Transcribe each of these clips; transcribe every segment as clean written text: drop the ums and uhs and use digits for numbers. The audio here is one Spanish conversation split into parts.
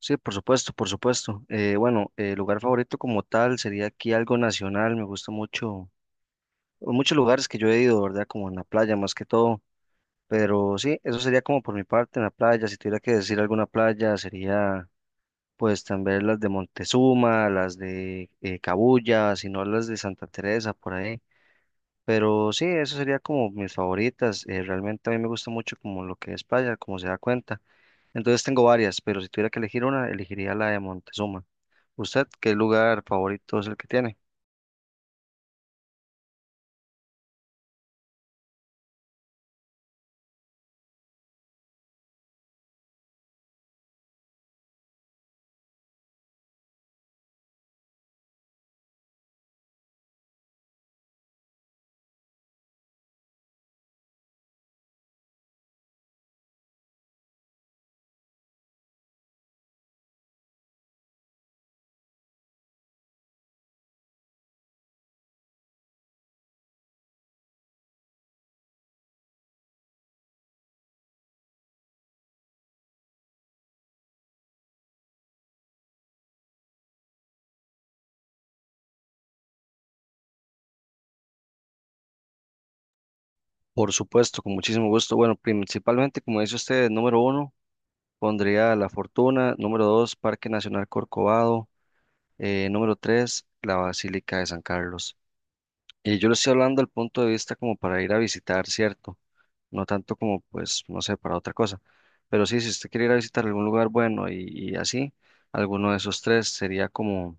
Sí, por supuesto, por supuesto. Bueno, lugar favorito como tal sería aquí algo nacional. Me gusta mucho, muchos lugares que yo he ido, ¿verdad? Como en la playa más que todo. Pero sí, eso sería como por mi parte en la playa. Si tuviera que decir alguna playa, sería pues también las de Montezuma, las de Cabuya, si no las de Santa Teresa, por ahí. Pero sí, eso sería como mis favoritas. Realmente a mí me gusta mucho como lo que es playa, como se da cuenta. Entonces tengo varias, pero si tuviera que elegir una, elegiría la de Montezuma. ¿Usted qué lugar favorito es el que tiene? Por supuesto, con muchísimo gusto. Bueno, principalmente, como dice usted, número uno, pondría La Fortuna, número dos, Parque Nacional Corcovado, número tres, la Basílica de San Carlos. Y yo le estoy hablando del punto de vista como para ir a visitar, ¿cierto? No tanto como, pues, no sé, para otra cosa. Pero sí, si usted quiere ir a visitar algún lugar bueno y así, alguno de esos tres sería como,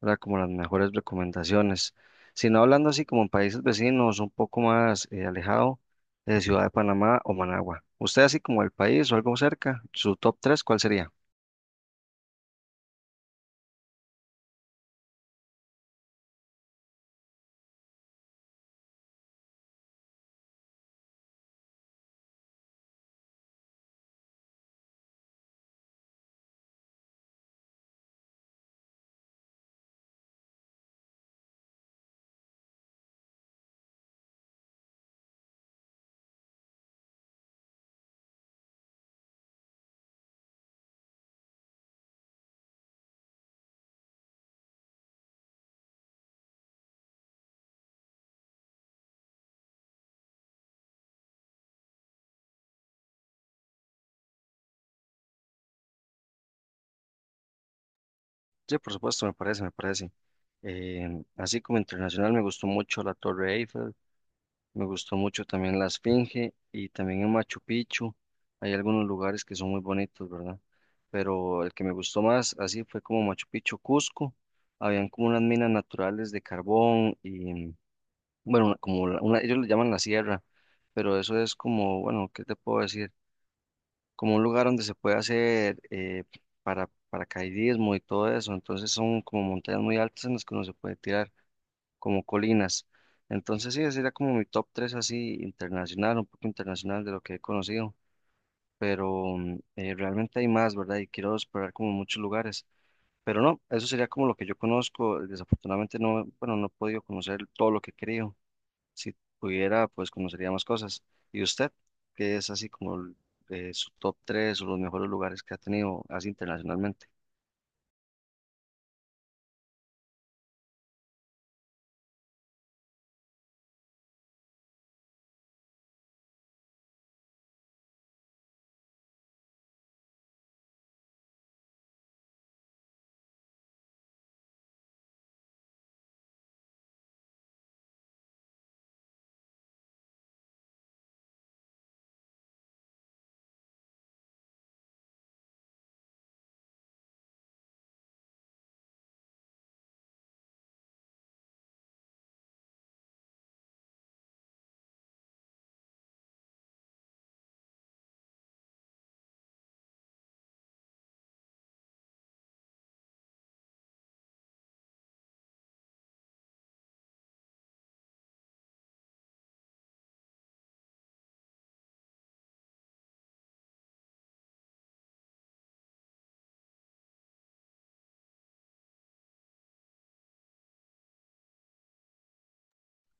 ¿verdad? Como las mejores recomendaciones. Si no hablando así como en países vecinos, un poco más alejado de Ciudad de Panamá o Managua. Usted así como el país o algo cerca, su top tres, ¿cuál sería? Sí, por supuesto, me parece, me parece. Así como internacional, me gustó mucho la Torre Eiffel, me gustó mucho también la Esfinge y también en Machu Picchu. Hay algunos lugares que son muy bonitos, ¿verdad? Pero el que me gustó más, así fue como Machu Picchu, Cusco. Habían como unas minas naturales de carbón y bueno, como una, ellos le llaman la sierra, pero eso es como, bueno, ¿qué te puedo decir? Como un lugar donde se puede hacer paracaidismo y todo eso, entonces son como montañas muy altas en las que uno se puede tirar, como colinas. Entonces sí, ese sería como mi top 3 así internacional, un poco internacional de lo que he conocido, pero realmente hay más, ¿verdad? Y quiero explorar como muchos lugares. Pero no, eso sería como lo que yo conozco. Desafortunadamente no, bueno, no he podido conocer todo lo que he querido. Si pudiera, pues conocería más cosas. ¿Y usted, qué es así como su top 3 o los mejores lugares que ha tenido así internacionalmente?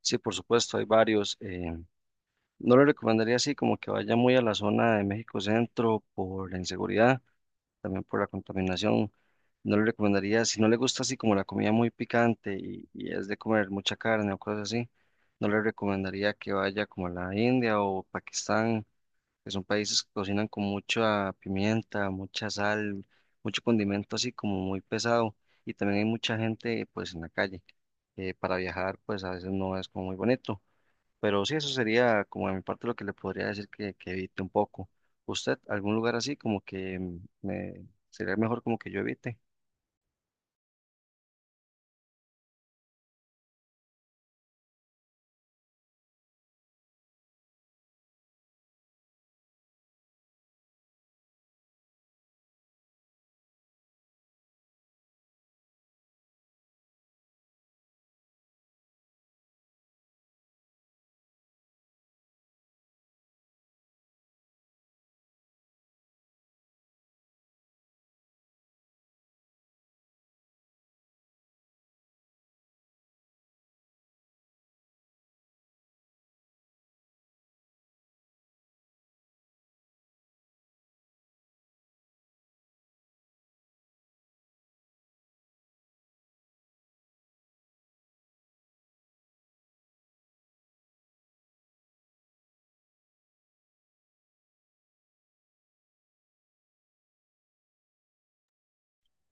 Sí, por supuesto, hay varios. No le recomendaría así como que vaya muy a la zona de México Centro por la inseguridad, también por la contaminación. No le recomendaría, si no le gusta así como la comida muy picante y es de comer mucha carne o cosas así, no le recomendaría que vaya como a la India o Pakistán, que son países que cocinan con mucha pimienta, mucha sal, mucho condimento así como muy pesado. Y también hay mucha gente pues en la calle. Para viajar pues a veces no es como muy bonito. Pero sí, eso sería como de mi parte lo que le podría decir que evite un poco. ¿Usted algún lugar así como que sería mejor como que yo evite?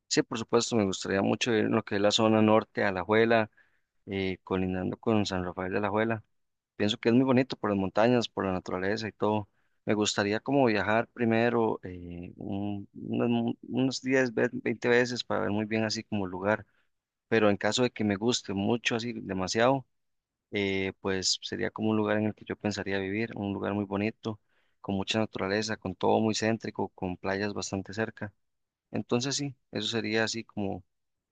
Sí, por supuesto, me gustaría mucho ir en lo que es la zona norte, Alajuela, colindando con San Rafael de Alajuela. Pienso que es muy bonito por las montañas, por la naturaleza y todo. Me gustaría como viajar primero unos 10, 20 veces para ver muy bien así como el lugar, pero en caso de que me guste mucho, así demasiado, pues sería como un lugar en el que yo pensaría vivir, un lugar muy bonito, con mucha naturaleza, con todo muy céntrico, con playas bastante cerca. Entonces sí, eso sería así como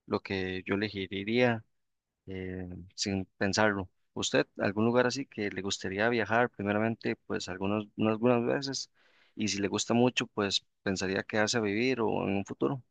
lo que yo elegiría eh, sin pensarlo. ¿Usted, algún lugar así que le gustaría viajar? Primeramente, pues algunas, unas buenas veces. Y si le gusta mucho, pues pensaría quedarse a vivir o en un futuro.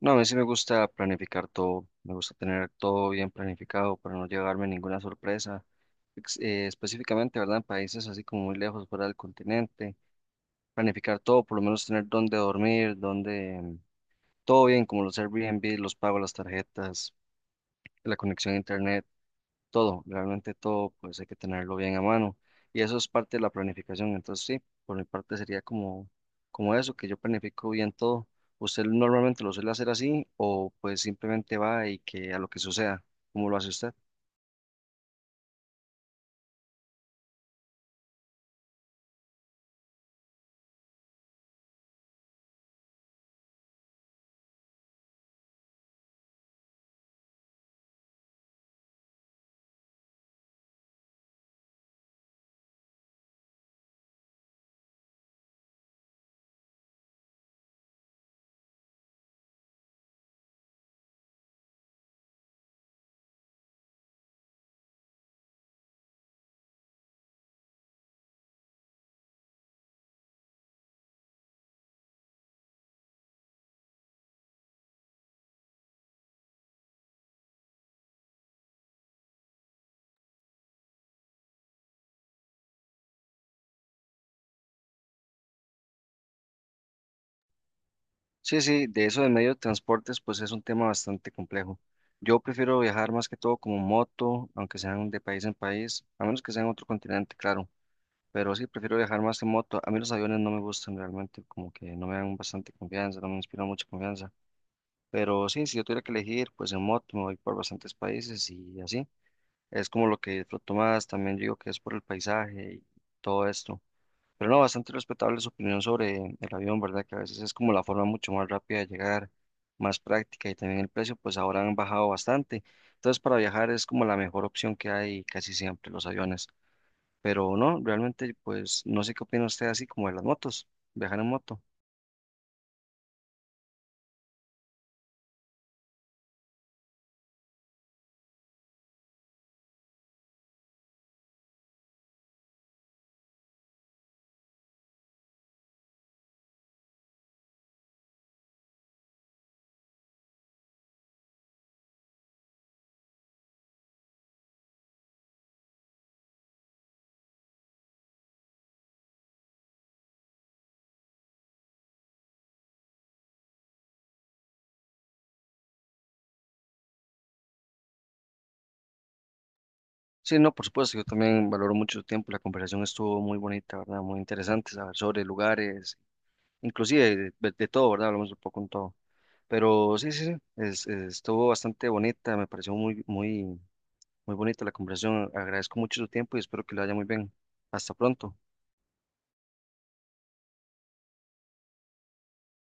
No, a mí sí me gusta planificar todo. Me gusta tener todo bien planificado para no llevarme ninguna sorpresa. Específicamente, ¿verdad? En países así como muy lejos, fuera del continente. Planificar todo, por lo menos tener dónde dormir, dónde... Todo bien, como los Airbnb, los pagos, las tarjetas, la conexión a internet. Todo, realmente todo, pues hay que tenerlo bien a mano. Y eso es parte de la planificación. Entonces, sí, por mi parte sería como, como eso, que yo planifico bien todo. ¿Usted normalmente lo suele hacer así o pues simplemente va y que a lo que suceda? ¿Cómo lo hace usted? Sí, sí, de eso de medio de transportes, pues es un tema bastante complejo. Yo prefiero viajar más que todo como moto, aunque sean de país en país, a menos que sea en otro continente, claro. Pero sí, prefiero viajar más en moto. A mí los aviones no me gustan realmente, como que no me dan bastante confianza, no me inspiran mucha confianza. Pero sí, si yo tuviera que elegir, pues en moto me voy por bastantes países y así. Es como lo que disfruto más. También digo que es por el paisaje y todo esto. Pero no, bastante respetable su opinión sobre el avión, ¿verdad? Que a veces es como la forma mucho más rápida de llegar, más práctica y también el precio, pues ahora han bajado bastante. Entonces, para viajar es como la mejor opción que hay casi siempre los aviones. Pero no, realmente, pues no sé qué opina usted así como de las motos, viajar en moto. Sí, no, por supuesto, yo también valoro mucho su tiempo, la conversación estuvo muy bonita, ¿verdad? Muy interesante saber sobre lugares, inclusive de todo, ¿verdad? Hablamos un poco en todo. Pero sí, sí, sí, estuvo bastante bonita, me pareció muy, muy, muy bonita la conversación. Agradezco mucho su tiempo y espero que le vaya muy bien. Hasta pronto.